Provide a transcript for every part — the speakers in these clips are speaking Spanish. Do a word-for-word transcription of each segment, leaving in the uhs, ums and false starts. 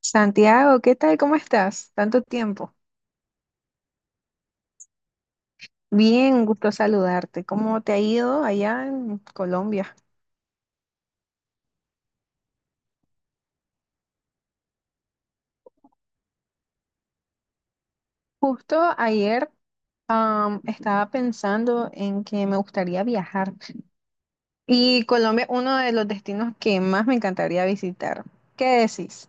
Santiago, ¿qué tal? ¿Cómo estás? Tanto tiempo. Bien, un gusto saludarte. ¿Cómo te ha ido allá en Colombia? Justo ayer, am, estaba pensando en que me gustaría viajar y Colombia es uno de los destinos que más me encantaría visitar. ¿Qué decís?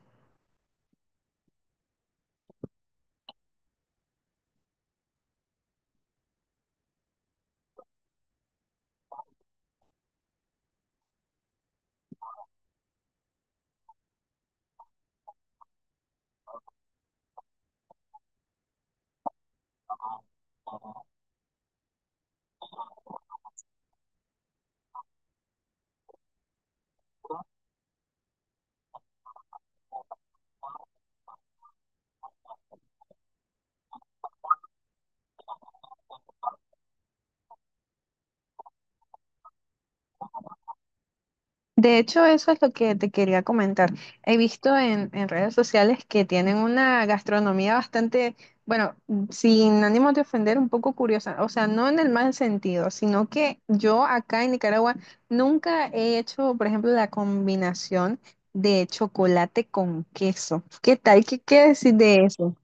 De hecho, eso es lo que te quería comentar. He visto en, en redes sociales que tienen una gastronomía bastante, bueno, sin ánimo de ofender, un poco curiosa. O sea, no en el mal sentido, sino que yo acá en Nicaragua nunca he hecho, por ejemplo, la combinación de chocolate con queso. ¿Qué tal? ¿Qué qué decir de eso?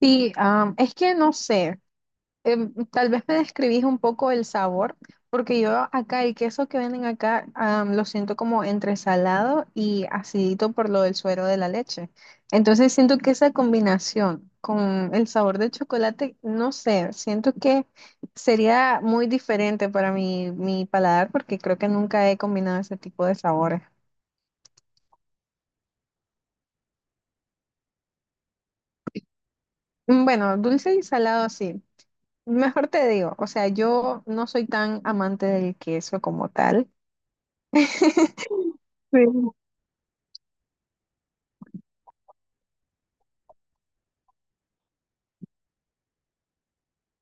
Sí, am, es que no sé. Em, tal vez me describís un poco el sabor, porque yo acá el queso que venden acá am, lo siento como entre salado y acidito por lo del suero de la leche. Entonces siento que esa combinación con el sabor del chocolate, no sé, siento que sería muy diferente para mi, mi paladar porque creo que nunca he combinado ese tipo de sabores. Mm, bueno, dulce y salado sí. Mejor te digo, o sea, yo no soy tan amante del queso como tal. Sí.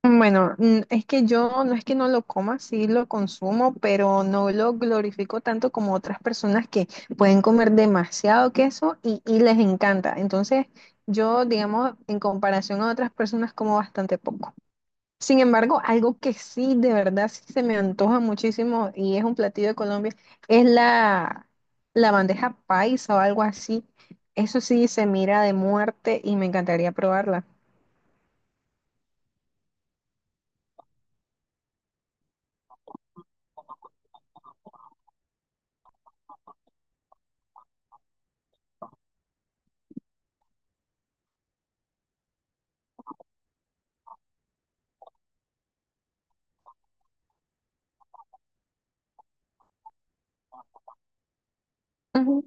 Bueno, mm, es que yo no es que no lo coma, sí lo consumo, pero no lo glorifico tanto como otras personas que pueden comer demasiado queso y, y les encanta. Entonces, yo, digamos, en comparación a otras personas, como bastante poco. Sin embargo, algo que sí, de verdad, sí se me antoja muchísimo y es un platillo de Colombia, es la, la bandeja paisa o algo así. Eso sí se mira de muerte y me encantaría probarla. Ujú.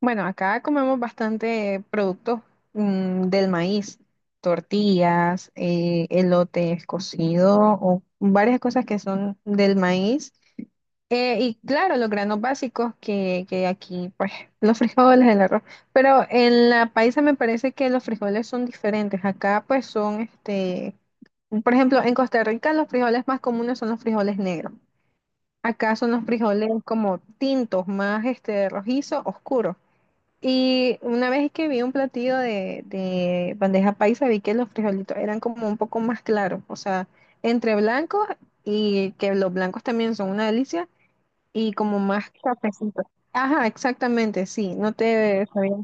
Bueno, acá comemos bastante productos mm, del maíz, tortillas, eh, elotes cocidos o varias cosas que son del maíz. Eh, y claro, los granos básicos que, que aquí, pues, los frijoles, el arroz. Pero en la paisa me parece que los frijoles son diferentes. Acá, pues, son, este, por ejemplo, en Costa Rica los frijoles más comunes son los frijoles negros. Acá son los frijoles como tintos, más, este, rojizo, oscuro. Y una vez que vi un platillo de, de bandeja paisa, vi que los frijolitos eran como un poco más claros, o sea, entre blancos y que los blancos también son una delicia y como más cafecito. Ajá, exactamente, sí, no te sabía.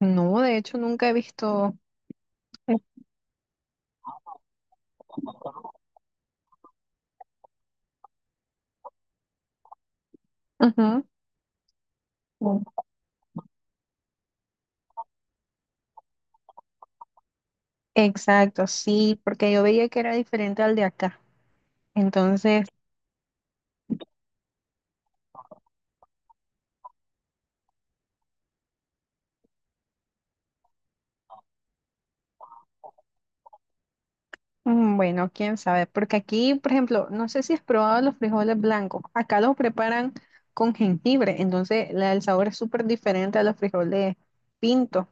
No, de hecho nunca he visto. Ujú. Exacto, sí, porque yo veía que era diferente al de acá. Entonces, mm, bueno, quién sabe, porque aquí, por ejemplo, no sé si has probado los frijoles blancos. Acá los preparan con jengibre, entonces la- el sabor es súper diferente a los frijoles pintos.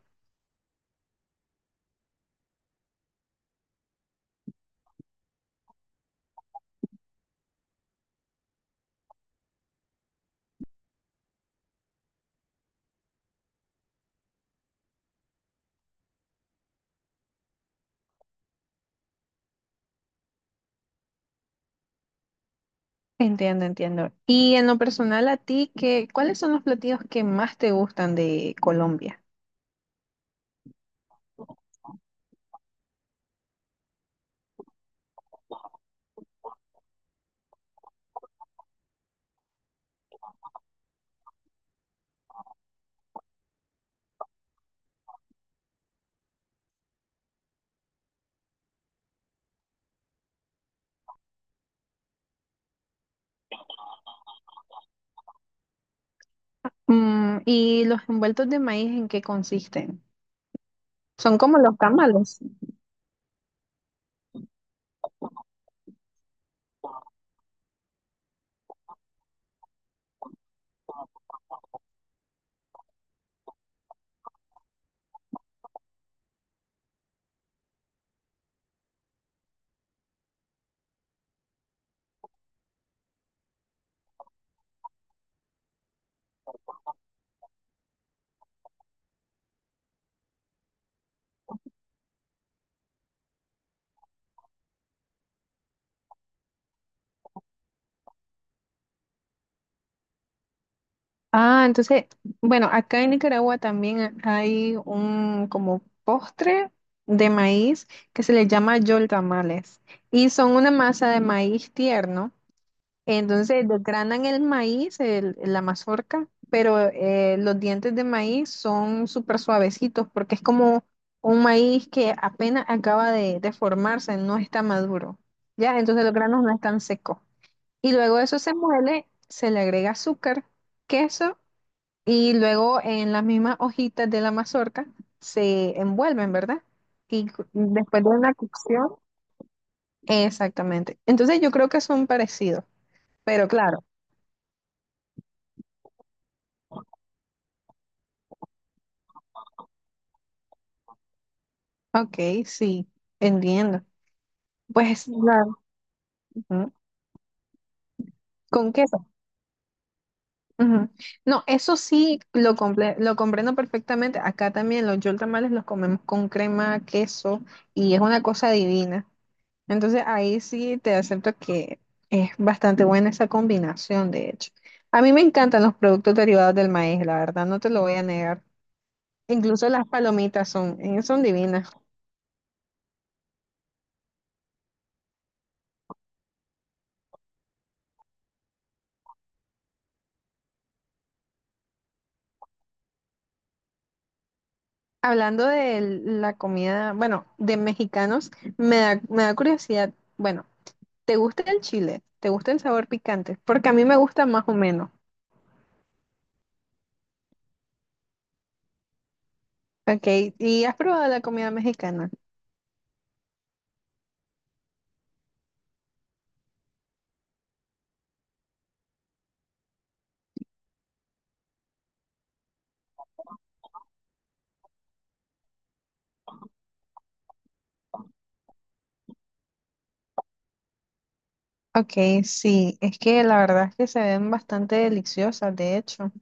Entiendo, entiendo. Y en lo personal, a ti, ¿qué, cuáles son los platillos que más te gustan de Colombia? Mm, ¿y los envueltos de maíz en qué consisten? Son como los tamales. Ah, entonces, bueno, acá en Nicaragua también hay un como postre de maíz que se le llama yol tamales y son una masa de maíz tierno. Entonces desgranan el maíz, el- la mazorca, pero eh, los dientes de maíz son súper suavecitos porque es como un maíz que apenas acaba de, de formarse, no está maduro, ¿ya? Entonces los granos no están secos. Y luego eso se muele, se le agrega azúcar, queso y luego en las mismas hojitas de la mazorca se envuelven, ¿verdad? Y cu- después de una cocción, exactamente. Entonces yo creo que son parecidos, pero claro. Ok, sí, entiendo. Pues, claro. Ujú, con queso. Ujú. No, eso sí lo, comple- lo comprendo perfectamente. Acá también los yol tamales los comemos con crema, queso y es una cosa divina. Entonces ahí sí te acepto que es bastante buena esa combinación, de hecho. A mí me encantan los productos derivados del maíz, la verdad, no te lo voy a negar. Incluso las palomitas son, eh, son divinas. Hablando de la comida, bueno, de mexicanos, me da, me da curiosidad. Bueno, ¿te gusta el chile? ¿Te gusta el sabor picante? Porque a mí me gusta más o menos. Ok, ¿y has probado la comida mexicana? Ok, sí, es que la verdad es que se ven bastante deliciosas, de hecho.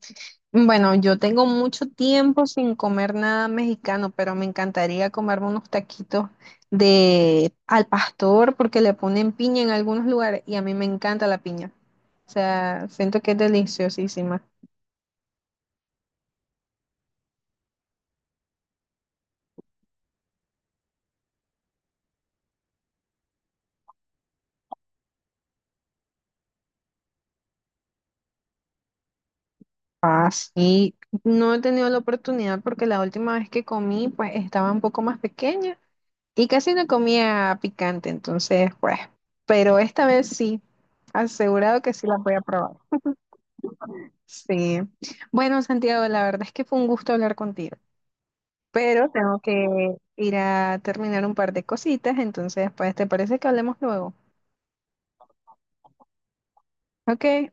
Bueno, yo tengo mucho tiempo sin comer nada mexicano, pero me encantaría comerme unos taquitos de al pastor porque le ponen piña en algunos lugares y a mí me encanta la piña. O sea, siento que es deliciosísima. Ah, sí. No he tenido la oportunidad porque la última vez que comí, pues estaba un poco más pequeña y casi no comía picante, entonces, pues, pero esta vez sí, asegurado que sí la voy a probar. Sí. Bueno, Santiago, la verdad es que fue un gusto hablar contigo, pero tengo que ir a terminar un par de cositas, entonces, pues, ¿te parece que hablemos luego? Ok,